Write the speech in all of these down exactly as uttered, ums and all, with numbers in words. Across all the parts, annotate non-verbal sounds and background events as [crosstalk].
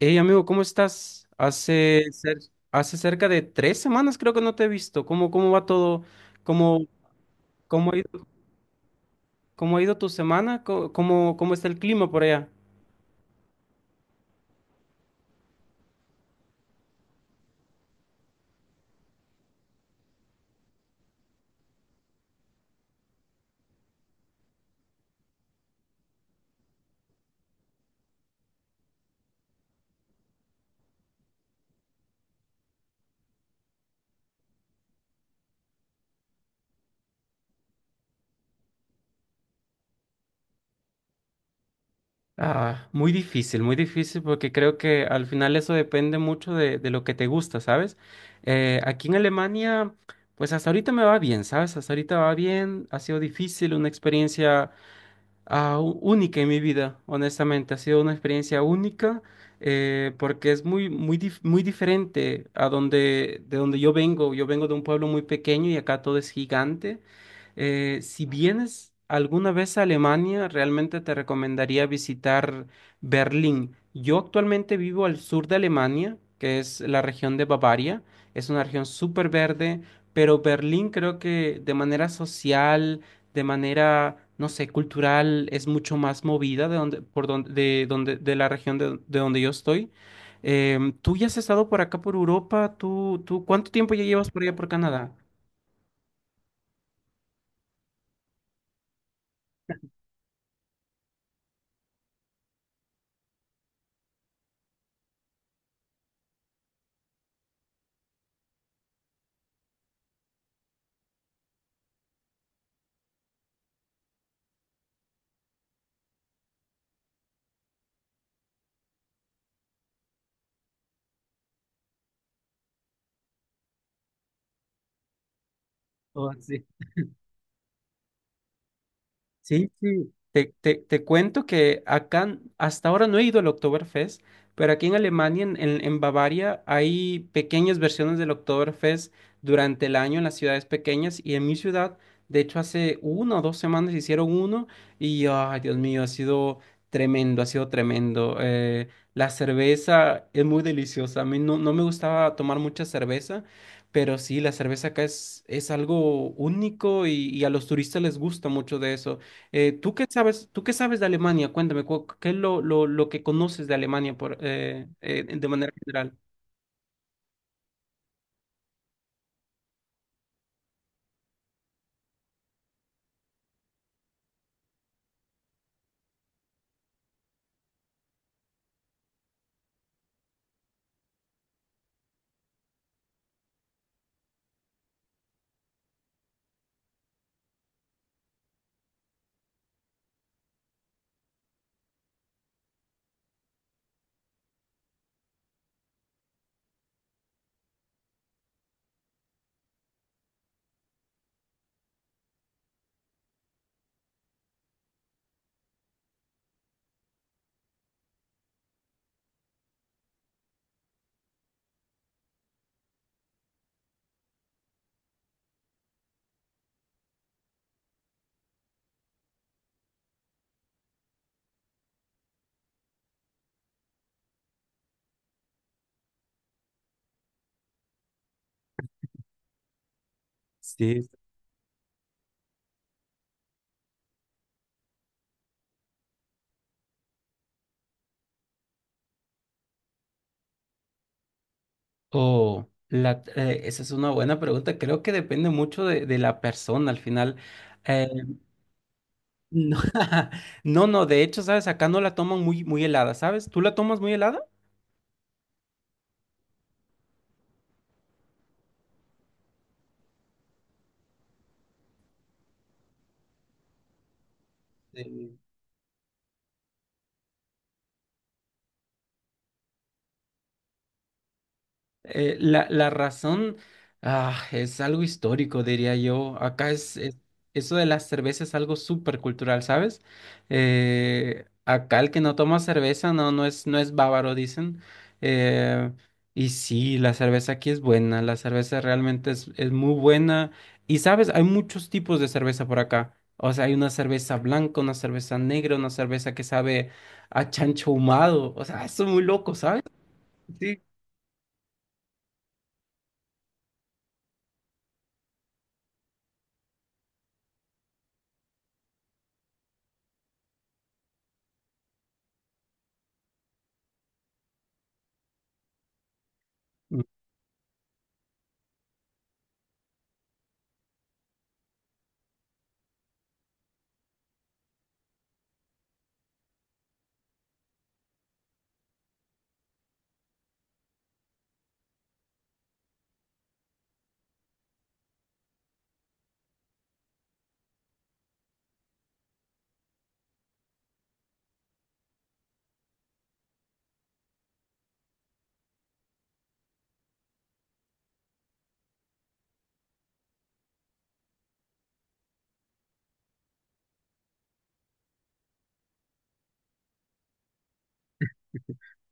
Hey amigo, ¿cómo estás? Hace, cer- hace cerca de tres semanas creo que no te he visto. ¿Cómo, cómo va todo? ¿Cómo, cómo ha ido, cómo ha ido tu semana? ¿Cómo, cómo cómo está el clima por allá? Ah, muy difícil, muy difícil porque creo que al final eso depende mucho de, de lo que te gusta, ¿sabes? Eh, aquí en Alemania, pues hasta ahorita me va bien, ¿sabes? Hasta ahorita va bien, ha sido difícil, una experiencia ah, ú- única en mi vida, honestamente. Ha sido una experiencia única eh, porque es muy, muy, dif- muy diferente a donde, de donde yo vengo. Yo vengo de un pueblo muy pequeño y acá todo es gigante. Eh, si vienes alguna vez a Alemania, realmente te recomendaría visitar Berlín. Yo actualmente vivo al sur de Alemania, que es la región de Bavaria. Es una región súper verde, pero Berlín creo que de manera social, de manera, no sé, cultural, es mucho más movida de donde, por donde, de donde, de la región de, de donde yo estoy. Em, tú ya has estado por acá, por Europa, tú, tú, ¿cuánto tiempo ya llevas por allá, por Canadá? Oh, sí. Sí, sí. Te, te, te cuento que acá hasta ahora no he ido al Oktoberfest, pero aquí en Alemania, en, en, en Bavaria, hay pequeñas versiones del Oktoberfest durante el año en las ciudades pequeñas y en mi ciudad, de hecho, hace una o dos semanas hicieron uno y, ay, Dios mío, ha sido tremendo, ha sido tremendo. Eh, la cerveza es muy deliciosa. A mí no, no me gustaba tomar mucha cerveza. Pero sí, la cerveza acá es, es algo único y y a los turistas les gusta mucho de eso. Eh, ¿tú qué sabes, tú qué sabes de Alemania? Cuéntame, cu- ¿qué es lo, lo, lo que conoces de Alemania por, eh, eh, de manera general? Sí. Oh, la, eh, esa es una buena pregunta. Creo que depende mucho de, de la persona al final. Eh, no, [laughs] no, no, de hecho, ¿sabes? Acá no la toman muy, muy helada, ¿sabes? ¿Tú la tomas muy helada? Sí. Eh, la, la razón ah, es algo histórico, diría yo. Acá es, es- eso de las cervezas es algo súper cultural, ¿sabes? Eh, acá el que no toma cerveza no, no es, no es bávaro, dicen. Eh, y sí, la cerveza aquí es buena, la cerveza realmente es, es muy buena. Y sabes, hay muchos tipos de cerveza por acá. O sea, hay una cerveza blanca, una cerveza negra, una cerveza que sabe a chancho ahumado. O sea, eso es muy loco, ¿sabes? Sí.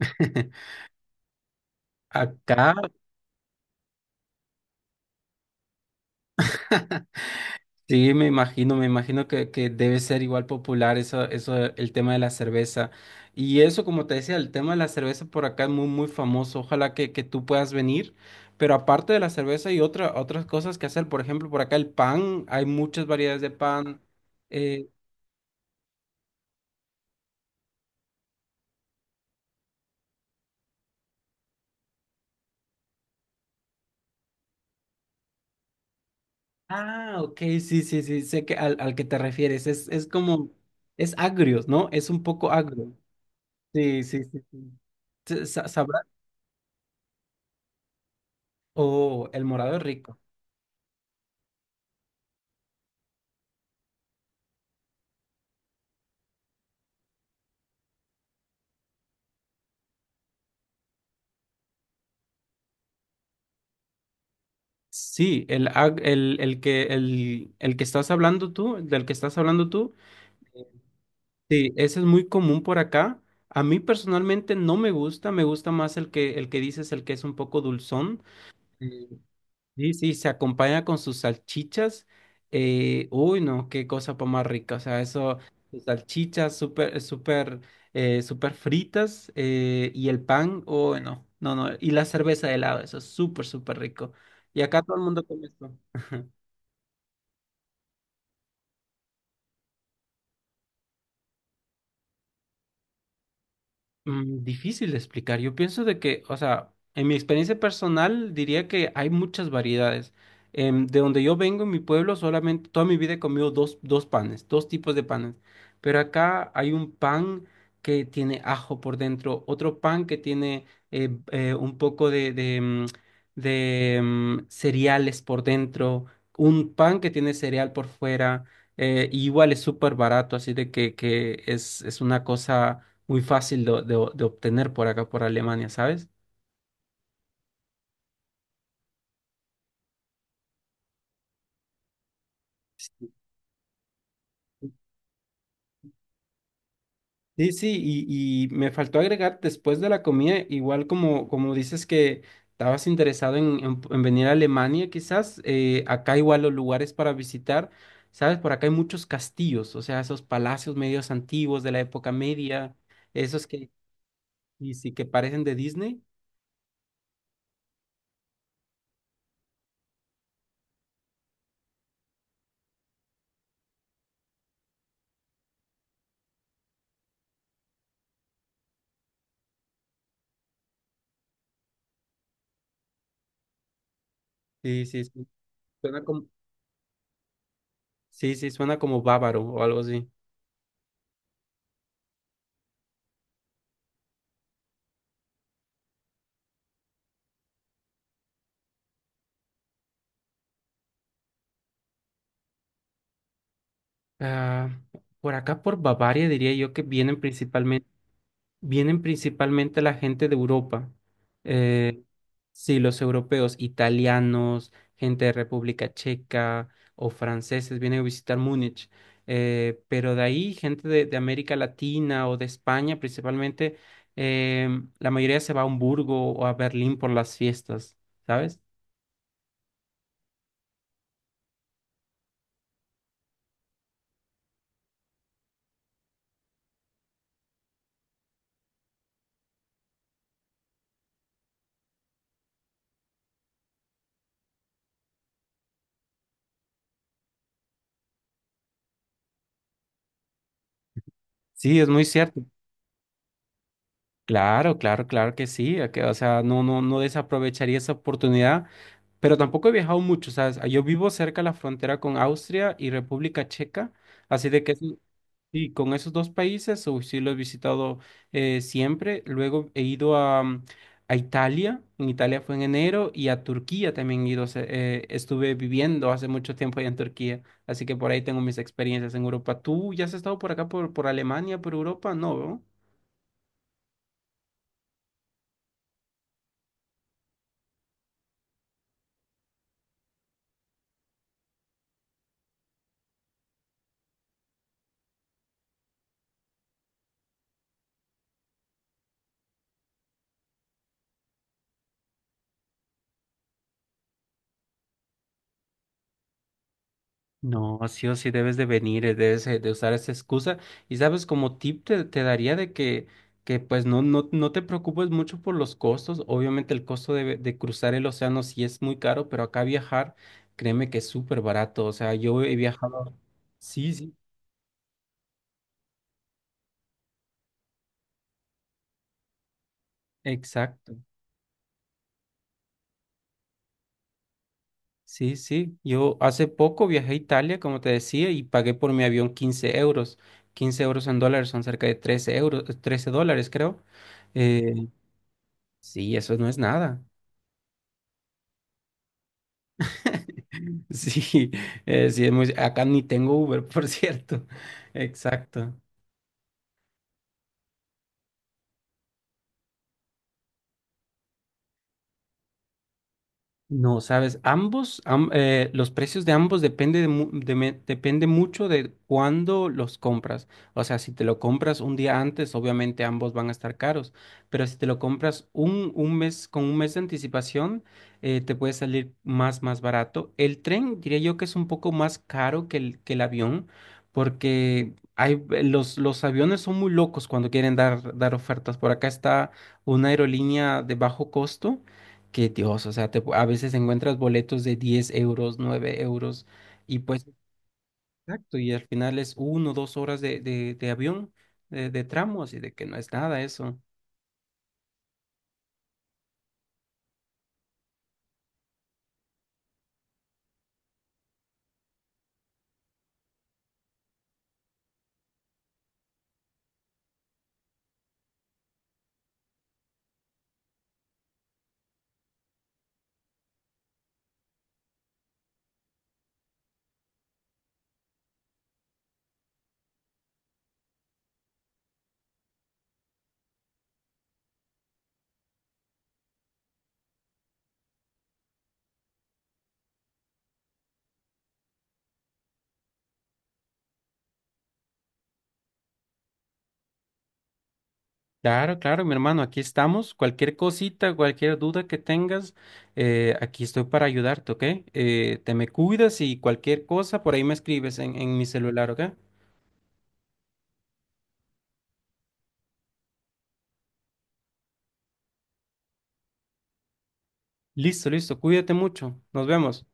[laughs] Acá, [laughs] sí, me imagino, me imagino que, que debe ser igual popular eso, eso, el tema de la cerveza. Y eso, como te decía, el tema de la cerveza por acá es muy, muy famoso. Ojalá que, que tú puedas venir. Pero aparte de la cerveza hay otra, otras cosas que hacer. Por ejemplo, por acá el pan, hay muchas variedades de pan. Eh, ah, ok, sí, sí, sí, sé que al, al que te refieres. Es, es como, es agrio, ¿no? Es un poco agrio. Sí, sí, sí, sí. Sa- sa- ¿Sabrá? Oh, el morado es rico. Sí, el, ag- el, el que, el, el que estás hablando tú, del que estás hablando tú, sí, ese es muy común por acá. A mí personalmente no me gusta, me gusta más el que, el que dices, el que es un poco dulzón. Mm. Sí, sí, se acompaña con sus salchichas. eh, uy, no, qué cosa pa' más rica. O sea, eso, sus salchichas súper, súper, eh, súper fritas eh, y el pan, uy, no, no, no. Y la cerveza de helado, eso es súper, súper rico. Y acá todo el mundo come esto. Mm, Difícil de explicar. Yo pienso de que, o sea, en mi experiencia personal diría que hay muchas variedades. Em, de donde yo vengo, en mi pueblo, solamente toda mi vida he comido dos, dos panes, dos tipos de panes. Pero acá hay un pan que tiene ajo por dentro, otro pan que tiene eh, eh, un poco de, de, mm, de, mm, cereales por dentro, un pan que tiene cereal por fuera. Eh, y igual es súper barato, así de que, que es, es una cosa muy fácil de, de- de obtener por acá, por Alemania, ¿sabes? Sí, sí, y, y me faltó agregar después de la comida, igual como, como dices que estabas interesado en, en- en venir a Alemania, quizás, eh, acá igual los lugares para visitar, ¿sabes? Por acá hay muchos castillos, o sea, esos palacios medios antiguos de la época media, esos que, y sí, que parecen de Disney. Sí, sí, sí, suena como, sí, sí, suena como bávaro o algo así. Ah, por acá, por Bavaria, diría yo que vienen principalmente. Vienen principalmente la gente de Europa. Mm. Eh, sí, los europeos, italianos, gente de República Checa o franceses vienen a visitar Múnich. Eh, pero de ahí, gente de, de América Latina o de España principalmente, eh, la mayoría se va a Hamburgo o a Berlín por las fiestas, ¿sabes? Sí, es muy cierto. Claro, claro, claro que sí. a que- O sea, no, no, no desaprovecharía esa oportunidad. Pero tampoco he viajado mucho, ¿sabes? Ah, yo vivo cerca de la frontera con Austria y República Checa, así de que sí, sí, con esos dos países uy, sí lo he visitado eh, siempre. Luego he ido a, mm, a Italia, en Italia fue en enero, y a Turquía también he ido, se- eh, estuve viviendo hace mucho tiempo allá en Turquía, así que por ahí tengo mis experiencias en Europa. ¿Tú ya has estado por acá, por, por Alemania, por Europa? No, ¿no? No, sí o sí debes de venir, eh, debes eh, de usar esa excusa. Y sabes, como tip te, te daría de que, que pues no, no, no te preocupes mucho por los costos. Obviamente el costo de, de cruzar el océano sí es muy caro, pero acá viajar, créeme que es súper barato. O sea, yo he viajado. Sí, sí, exacto. Sí, sí. Yo hace poco viajé a Italia, como te decía, y pagué por mi avión quince euros. Quince euros en dólares son cerca de trece euros, trece dólares, creo. Eh, sí, eso no es nada. [laughs] Sí, eh, sí, es muy. Acá ni tengo Uber, por cierto. [laughs] Exacto. No, sabes, ambos, am- eh, los precios de ambos depende, de mu- de me- depende mucho de cuándo los compras. O sea, si te lo compras un día antes, obviamente ambos van a estar caros. Pero si te lo compras un, un mes, con un mes de anticipación, eh, te puede salir más, más barato. El tren, diría yo que es un poco más caro que el, que el avión, porque hay, eh, los, los aviones son muy locos cuando quieren dar, dar ofertas. Por acá está una aerolínea de bajo costo que Dios, o sea, te pu- a veces encuentras boletos de diez euros, nueve euros, y pues, exacto, y al final es uno, dos horas de, de, de avión, de, de tramos, y de que no es nada eso. Claro, claro, mi hermano, aquí estamos. Cualquier cosita, cualquier duda que tengas, eh, aquí estoy para ayudarte, ¿ok? Eh, te me cuidas y cualquier cosa, por ahí me escribes en, en mi celular, ¿ok? Listo, listo, cuídate mucho, nos vemos.